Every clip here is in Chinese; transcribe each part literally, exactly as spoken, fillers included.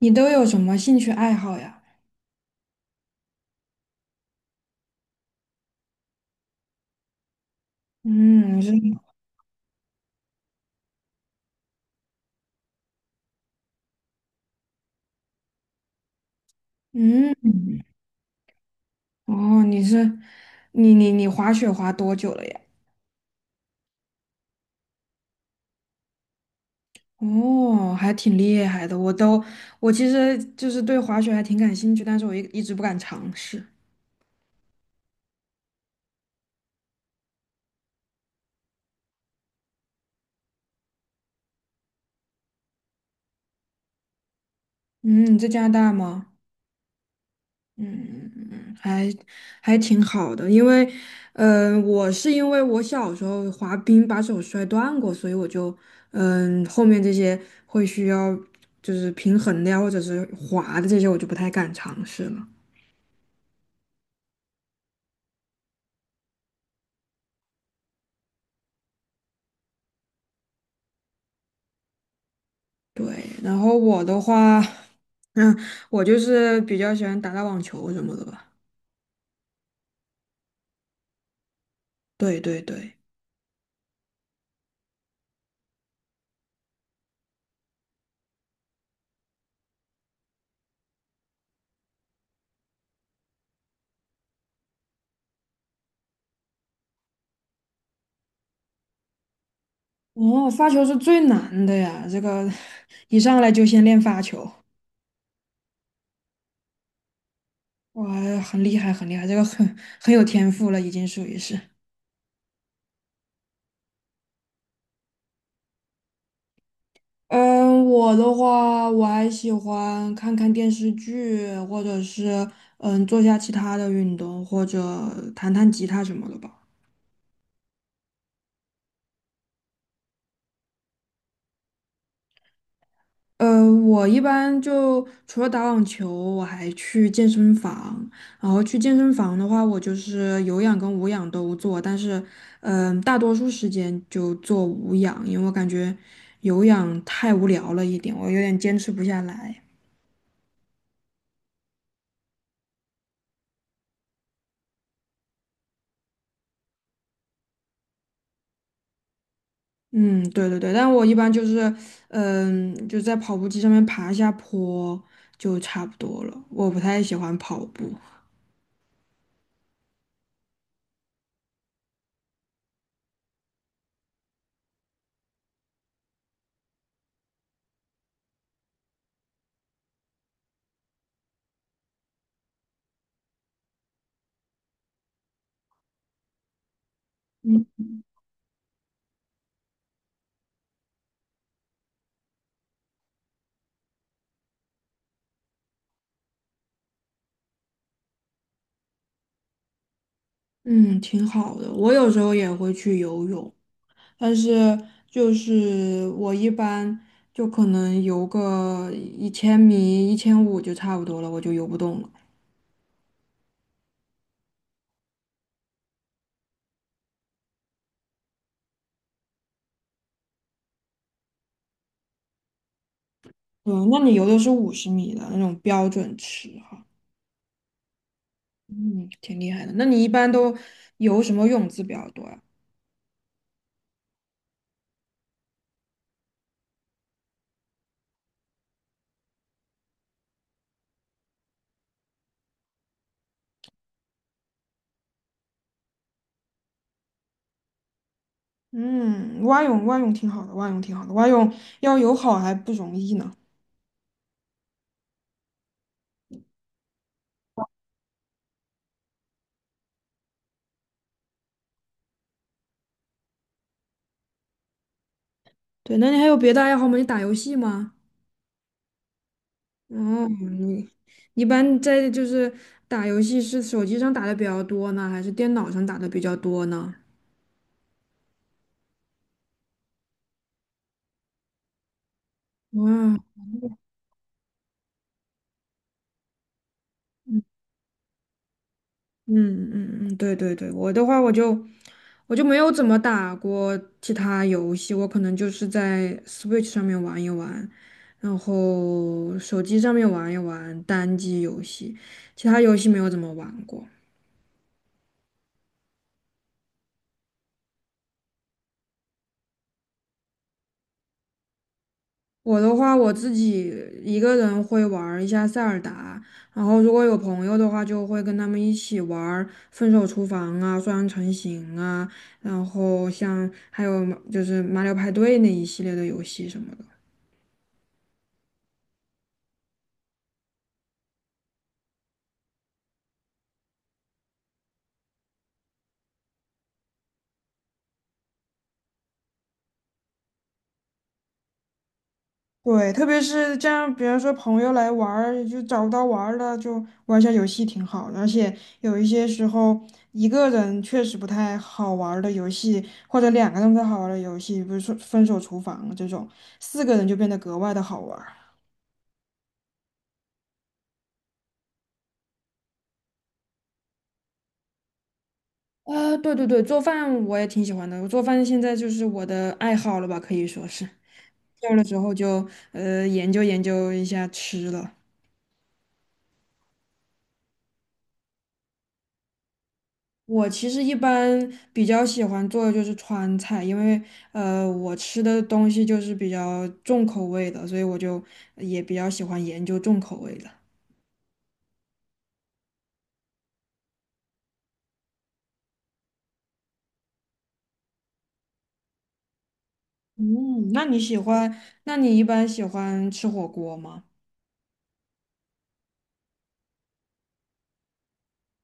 你都有什么兴趣爱好呀？嗯，是，嗯，哦，你是，你你你滑雪滑多久了呀？哦，还挺厉害的。我都，我其实就是对滑雪还挺感兴趣，但是我一一直不敢尝试。嗯，你在加拿大吗？嗯，还还挺好的，因为，嗯、我是因为我小时候滑冰把手摔断过，所以我就，嗯、后面这些会需要就是平衡的呀，或者是滑的这些，我就不太敢尝试了。对，然后我的话，嗯，我就是比较喜欢打打网球什么的吧。对对对，哦，发球是最难的呀，这个 一上来就先练发球。哇，很厉害，很厉害，这个很很有天赋了，已经属于是。嗯，我的话，我还喜欢看看电视剧，或者是嗯做下其他的运动，或者弹弹吉他什么的吧。呃，我一般就除了打网球，我还去健身房。然后去健身房的话，我就是有氧跟无氧都做，但是嗯，大多数时间就做无氧，因为我感觉有氧太无聊了一点，我有点坚持不下来。嗯，对对对，但我一般就是，嗯，就在跑步机上面爬一下坡就差不多了。我不太喜欢跑步。嗯，挺好的。我有时候也会去游泳，但是就是我一般就可能游个一千米、一千五就差不多了，我就游不动了。嗯，那你游的是五十米的那种标准池哈。嗯，挺厉害的。那你一般都游什么泳姿比较多啊？嗯，蛙泳蛙泳挺好的，蛙泳挺好的，蛙泳要游好还不容易呢。对，那你还有别的爱好吗？你打游戏吗？哦，你你一般在就是打游戏是手机上打的比较多呢，还是电脑上打的比较多呢？哇。嗯嗯嗯嗯，对对对，我的话我就我就没有怎么打过其他游戏，我可能就是在 Switch 上面玩一玩，然后手机上面玩一玩单机游戏，其他游戏没有怎么玩过。我的话，我自己一个人会玩儿一下塞尔达，然后如果有朋友的话，就会跟他们一起玩儿《分手厨房》啊、《双人成行》啊，然后像还有就是《马里奥派对》那一系列的游戏什么的。对，特别是这样，比如说朋友来玩儿，就找不到玩儿了，就玩一下游戏挺好的，而且有一些时候，一个人确实不太好玩儿的游戏，或者两个人不太好玩儿的游戏，比如说《分手厨房》这种，四个人就变得格外的好玩儿。啊，对对对，做饭我也挺喜欢的，我做饭现在就是我的爱好了吧，可以说是。有了之后就呃研究研究一下吃了。我其实一般比较喜欢做的就是川菜，因为呃，我吃的东西就是比较重口味的，所以我就也比较喜欢研究重口味的。嗯，那你喜欢？那你一般喜欢吃火锅吗？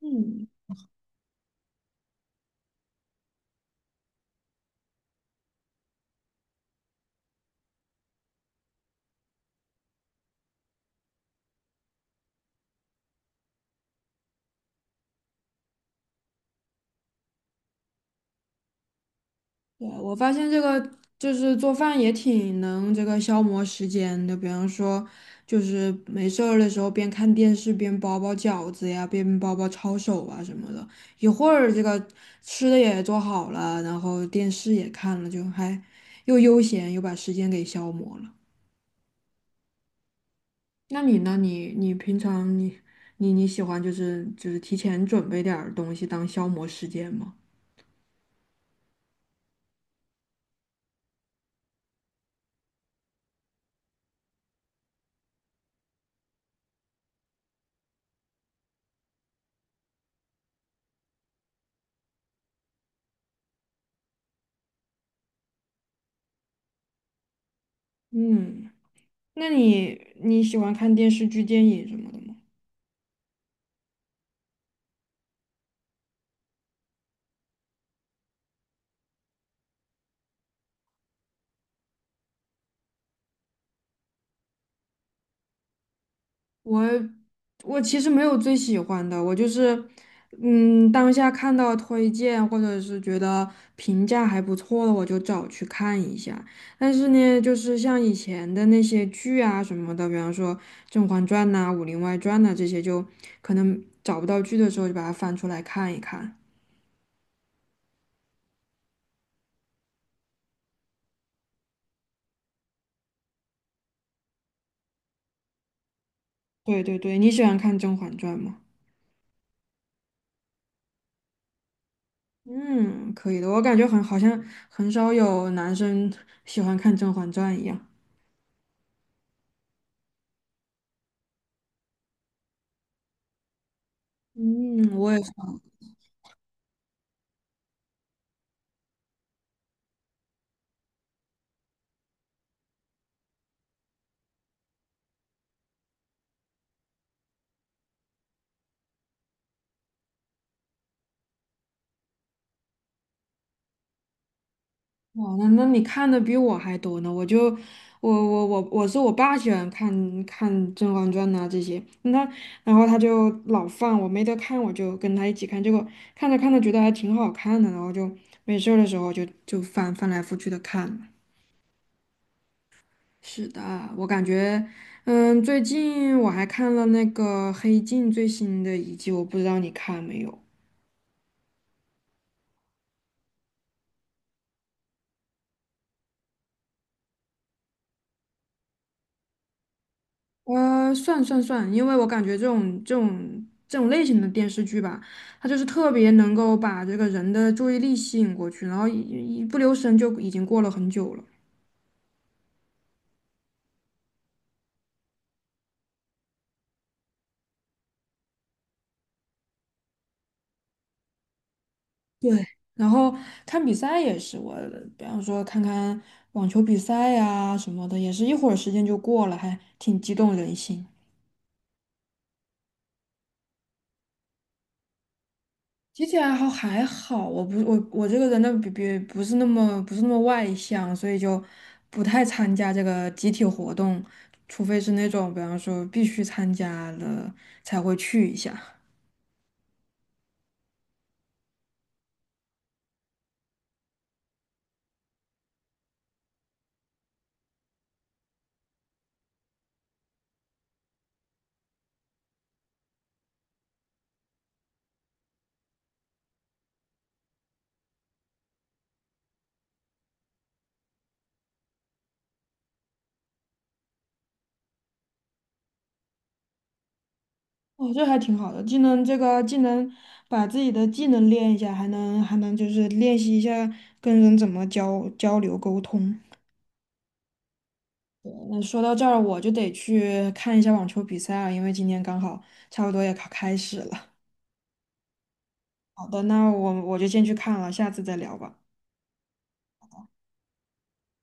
嗯。对，我发现这个就是做饭也挺能这个消磨时间的，比方说就是没事儿的时候边看电视边包包饺子呀，边包包抄手啊什么的，一会儿这个吃的也做好了，然后电视也看了，就还又悠闲又把时间给消磨了。那你呢？你你平常你你你喜欢就是就是提前准备点儿东西当消磨时间吗？嗯，那你你喜欢看电视剧、电影什么的吗？我我其实没有最喜欢的，我就是，嗯，当下看到推荐或者是觉得评价还不错的，我就找去看一下。但是呢，就是像以前的那些剧啊什么的，比方说《甄嬛传》呐、《武林外传》呐这些，就可能找不到剧的时候就把它翻出来看一看。对对对，你喜欢看《甄嬛传》吗？嗯，可以的，我感觉很好像很少有男生喜欢看《甄嬛传》一样。嗯，我也。哇，那那你看的比我还多呢。我就我我我我是我爸喜欢看看《甄嬛传》呐这些，那然后他就老放，我没得看我就跟他一起看，结果看着看着觉得还挺好看的，然后就没事儿的时候就就翻翻来覆去的看。是的，我感觉，嗯，最近我还看了那个《黑镜》最新的一季，我不知道你看没有。呃，算算算，因为我感觉这种这种这种类型的电视剧吧，它就是特别能够把这个人的注意力吸引过去，然后一一不留神就已经过了很久了。对，然后看比赛也是，我比方说看看网球比赛呀、什么的，也是一会儿时间就过了，还挺激动人心。集体爱好还好，我不我我这个人呢，比比不是那么不是那么外向，所以就不太参加这个集体活动，除非是那种比方说必须参加了才会去一下。哦，这还挺好的，既能这个既能把自己的技能练一下，还能还能就是练习一下跟人怎么交交流沟通。那说到这儿，我就得去看一下网球比赛了，因为今天刚好差不多也开开始了。好的，那我我就先去看了，下次再聊吧。